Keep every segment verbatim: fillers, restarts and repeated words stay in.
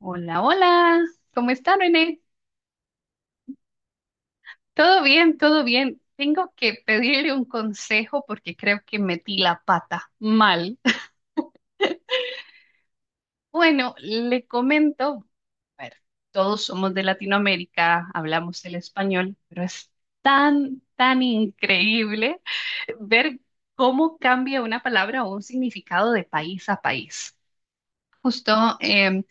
Hola, hola. ¿Cómo está, René? Todo bien, todo bien. Tengo que pedirle un consejo porque creo que metí la pata mal. Bueno, le comento, a ver, todos somos de Latinoamérica, hablamos el español, pero es tan, tan increíble ver cómo cambia una palabra o un significado de país a país. Justo em,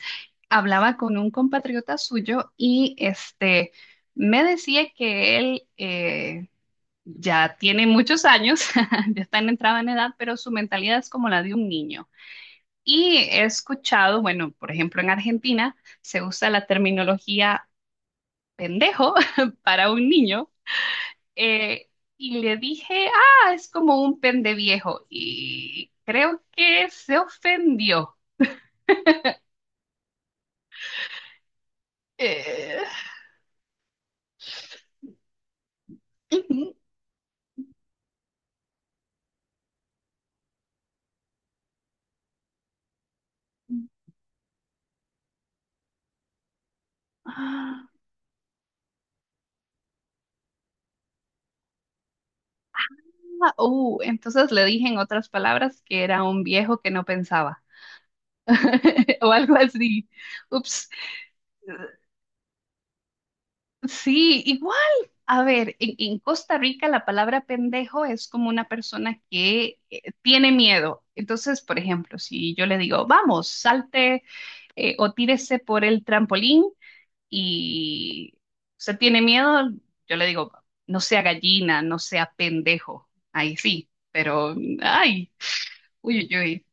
hablaba con un compatriota suyo y este me decía que él, eh, ya tiene muchos años, ya está en entrada en edad, pero su mentalidad es como la de un niño. Y he escuchado, bueno, por ejemplo, en Argentina se usa la terminología pendejo para un niño. eh, y le dije, ah, es como un pende viejo. Y creo que se ofendió. Eh, ujú. Ah, uh, entonces le dije en otras palabras que era un viejo que no pensaba o algo así. Ups. Sí, igual. A ver, en, en Costa Rica la palabra pendejo es como una persona que eh, tiene miedo. Entonces, por ejemplo, si yo le digo, vamos, salte eh, o tírese por el trampolín y se tiene miedo, yo le digo, no sea gallina, no sea pendejo. Ahí sí, pero, mm, ay, uy, uy, uy.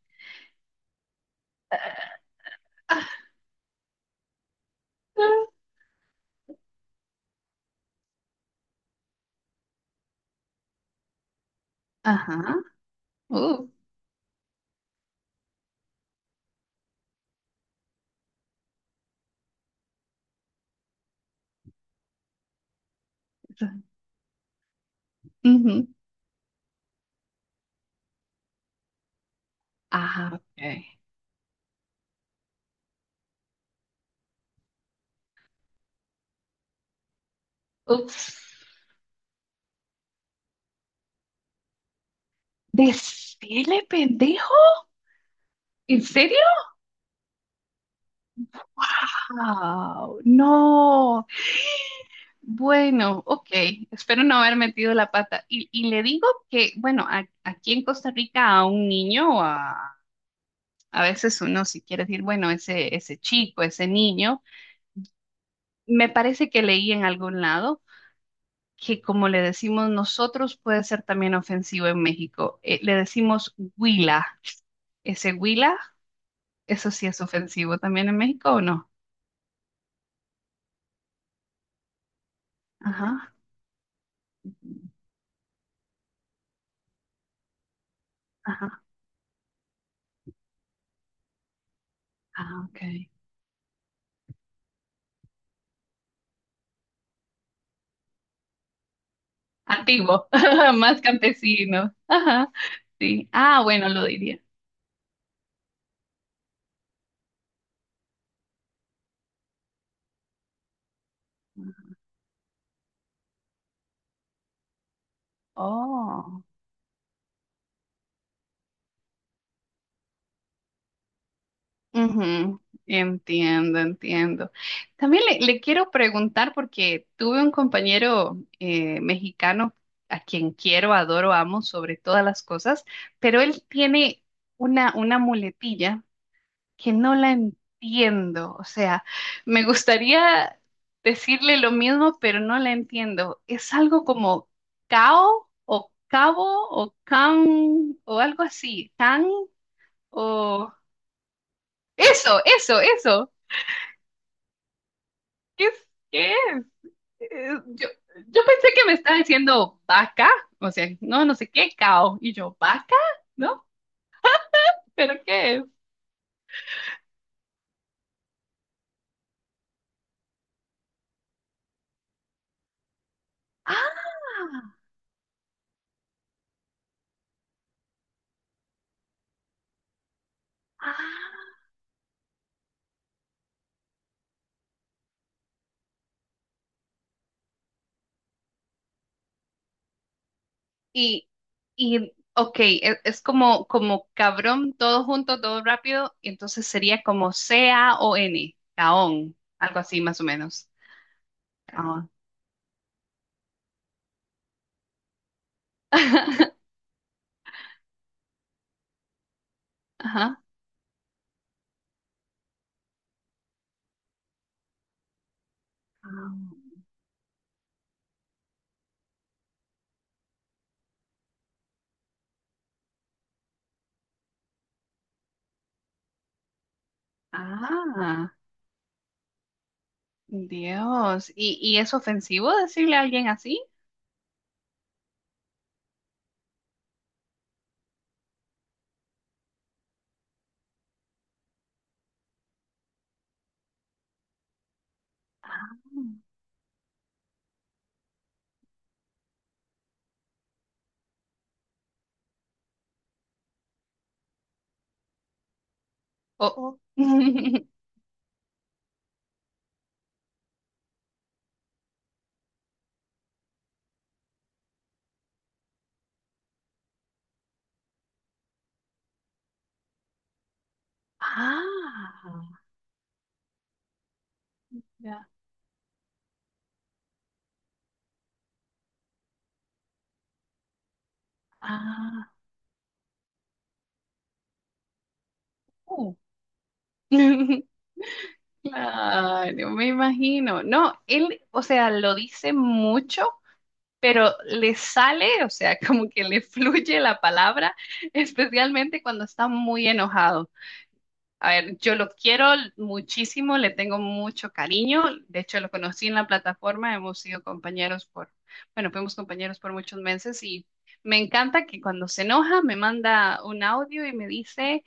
Ajá. Uh, ujú. Ah, ok. Ups. Decirle pendejo. ¿En serio? ¡Wow! No. Bueno, ok. Espero no haber metido la pata. Y, y le digo que, bueno, a- aquí en Costa Rica a un niño, a, a veces uno si quiere decir, bueno, ese, ese chico, ese niño, me parece que leí en algún lado que como le decimos nosotros puede ser también ofensivo en México. Eh, le decimos huila. Ese huila, eso sí es ofensivo también en México, ¿o no? Ajá, ajá. Ah, ok. Antiguo, más campesino. Ajá, sí. Ah, bueno, lo diría. Oh, ujú. Entiendo, entiendo. También le, le quiero preguntar porque tuve un compañero eh, mexicano a quien quiero, adoro, amo sobre todas las cosas, pero él tiene una, una muletilla que no la entiendo. O sea, me gustaría decirle lo mismo, pero no la entiendo. Es algo como cao o cabo o can o algo así. Can o... Eso, eso, eso. ¿Qué es? ¿Qué es? Eh, Yo, yo pensé que me estaba diciendo vaca, o sea, no, no sé qué, cao. Y yo, vaca, ¿no? ¿Pero qué es? Ah, ah. Y, y ok, e- es, como, como cabrón, todo junto, todo rápido, y entonces sería como C-A-O-N, caón, algo así más o menos. Caón. Ajá. Caón. Ah, Dios. ¿Y, y es ofensivo decirle a alguien así? Ah. Oh, oh. Ah, ya. Ah. Uh. Claro, me imagino. No, él, o sea, lo dice mucho, pero le sale, o sea, como que le fluye la palabra, especialmente cuando está muy enojado. A ver, yo lo quiero muchísimo, le tengo mucho cariño, de hecho lo conocí en la plataforma, hemos sido compañeros por, bueno, fuimos compañeros por muchos meses y me encanta que cuando se enoja me manda un audio y me dice,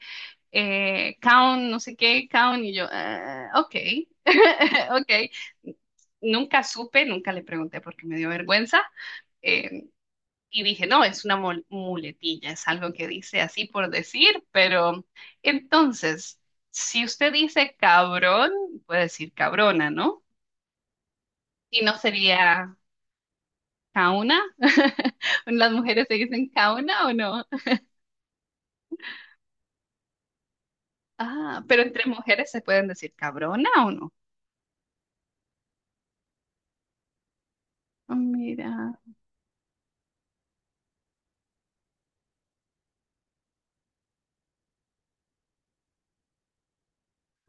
eh, Count, no sé qué, Count, y yo, "Ah, ok, ok. Nunca supe, nunca le pregunté porque me dio vergüenza, eh, y dije, no, es una mul- muletilla, es algo que dice así por decir, pero entonces, si usted dice cabrón, puede decir cabrona, ¿no? Y no sería cauna. ¿Las mujeres se dicen cauna o no? Ah, pero entre mujeres se pueden decir cabrona o no. Ah, mira,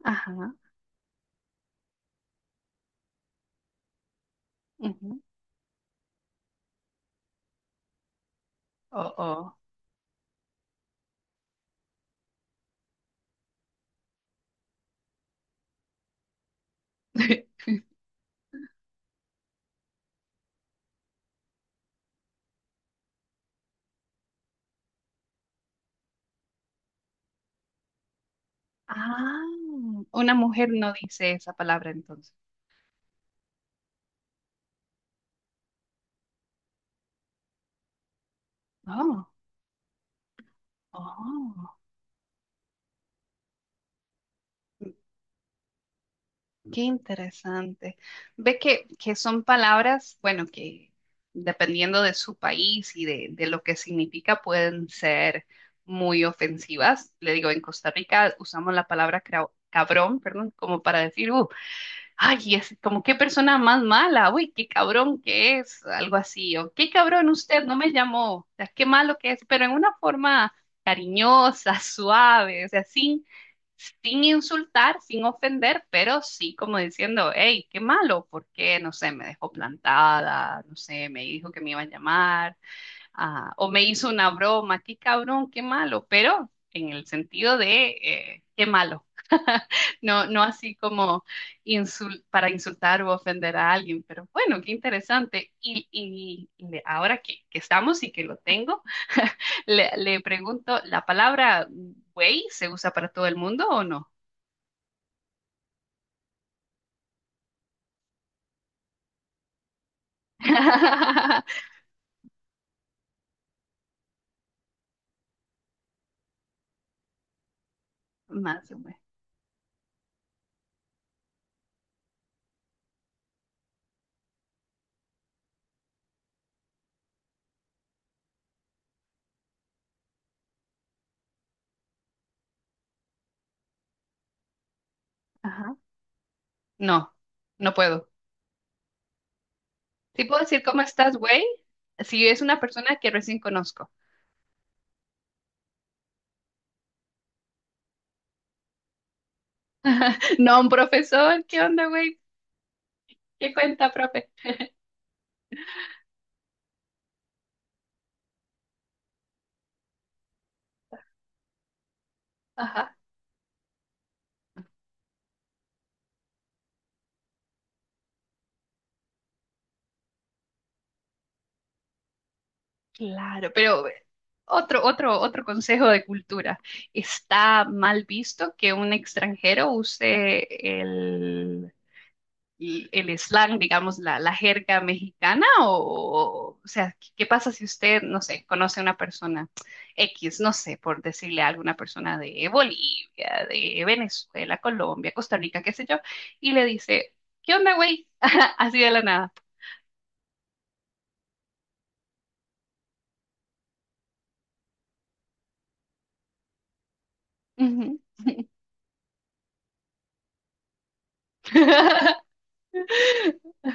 ajá, ujú. Oh, oh. Ah, una mujer no dice esa palabra entonces. Oh, oh. Qué interesante. Ve que, que son palabras, bueno, que dependiendo de su país y de, de lo que significa, pueden ser muy ofensivas. Le digo, en Costa Rica usamos la palabra crao- cabrón, perdón, como para decir, "Uh, ay, es como qué persona más mala, uy, qué cabrón que es, algo así, o qué cabrón usted no me llamó, o sea, qué malo que es, pero en una forma cariñosa, suave, o sea, sin, sin insultar, sin ofender, pero sí como diciendo, hey, qué malo, porque, no sé, me dejó plantada, no sé, me dijo que me iba a llamar, ah, o me hizo una broma, qué cabrón, qué malo, pero en el sentido de, eh, qué malo. No, no así como insul- para insultar o ofender a alguien, pero bueno, qué interesante. Y, y le- ahora que, que estamos y que lo tengo, le, le pregunto, ¿la palabra güey se usa para todo el mundo o no? Más o menos. Ajá. No, no puedo. Sí puedo decir cómo estás, güey, si es una persona que recién conozco. No, un profesor, ¿qué onda, güey? ¿Qué cuenta, profe? Ajá. Claro, pero eh, otro, otro, otro consejo de cultura. Está mal visto que un extranjero use el, el- el slang, digamos, la, la jerga mexicana o, o sea, ¿qué, qué pasa si usted, no sé, conoce a una persona X, no sé, por decirle a alguna persona de Bolivia, de Venezuela, Colombia, Costa Rica, qué sé yo, y le dice, ¿qué onda, güey? Así de la nada. Ujú.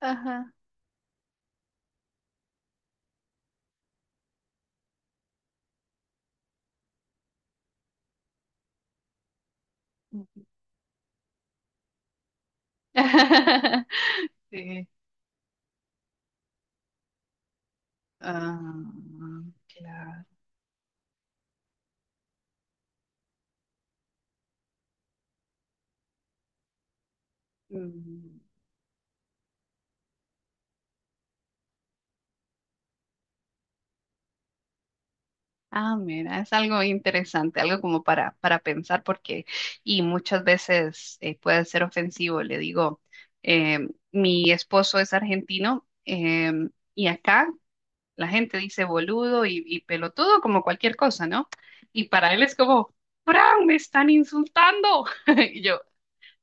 Ajá. Sí. Ah, claro. Mm. Ah, mira, es algo interesante, algo como para, para pensar, porque, y muchas veces eh, puede ser ofensivo. Le digo, em, mi esposo es argentino, em, y acá la gente dice boludo y, y pelotudo como cualquier cosa, ¿no? Y para él es como, Fran, me están insultando. Y yo,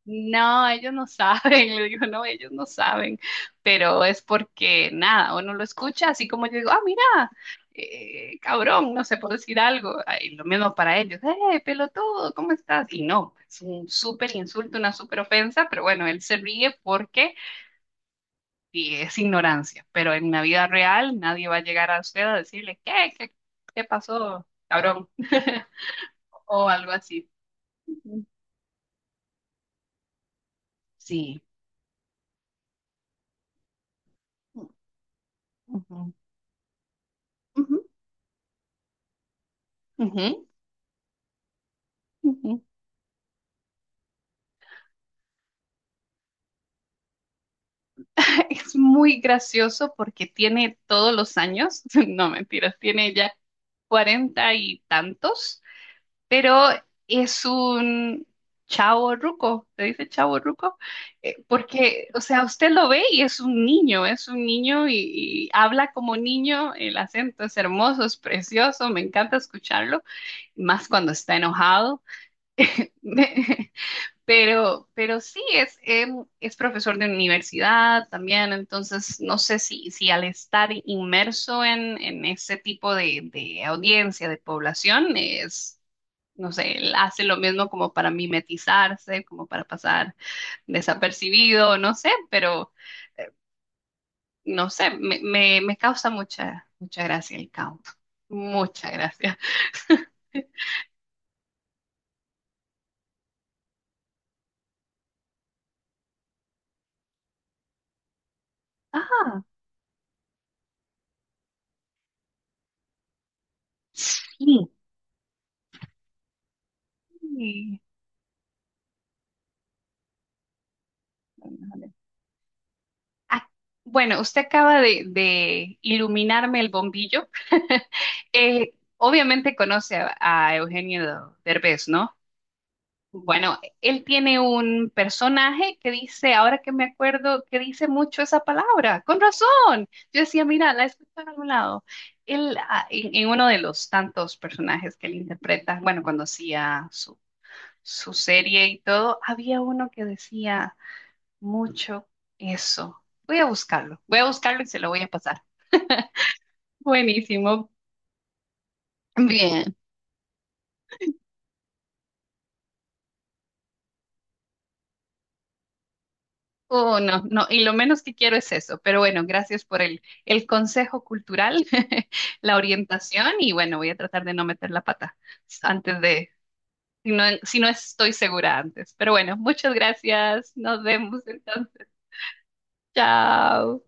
no, ellos no saben, le digo, no, ellos no saben, pero es porque nada, uno lo escucha así como yo digo, ah, mira, eh, cabrón, no sé, por decir algo, y lo mismo para ellos, eh, pelotudo, ¿cómo estás? Y no, es un súper insulto, una súper ofensa, pero bueno, él se ríe porque y es ignorancia, pero en la vida real nadie va a llegar a usted a decirle, ¿qué? ¿Qué, qué pasó, cabrón? o algo así. Sí. Ujú, ujú, ujú, ujú. Es muy gracioso porque tiene todos los años, no mentiras, tiene ya cuarenta y tantos, pero es un chavo ruco, se dice chavo ruco. Eh, porque, o sea, usted lo ve y es un niño, es un niño y, y habla como niño, el acento es hermoso, es precioso, me encanta escucharlo, más cuando está enojado. Pero, pero sí, es, em, es profesor de universidad también, entonces no sé si, si al estar inmerso en, en ese tipo de, de audiencia, de población, es, no sé, él hace lo mismo como para mimetizarse, como para pasar desapercibido, no sé, pero no sé, me, me, me causa mucha, mucha gracia el count, mucha gracia. Ah, sí. Ah, bueno, usted acaba de, de iluminarme el bombillo. Eh, obviamente conoce a, a Eugenio Derbez, ¿no? Bueno, él tiene un personaje que dice, ahora que me acuerdo, que dice mucho esa palabra, con razón. Yo decía, mira, la he escuchado en algún lado. Él, ah, en, en uno de los tantos personajes que él interpreta, bueno, cuando hacía su, su serie y todo, había uno que decía mucho eso. Voy a buscarlo, voy a buscarlo y se lo voy a pasar. Buenísimo. Bien. Oh, no, no, y lo menos que quiero es eso, pero bueno, gracias por el, el consejo cultural, la orientación y bueno, voy a tratar de no meter la pata antes de, si no, si no estoy segura antes, pero bueno, muchas gracias, nos vemos entonces, chao.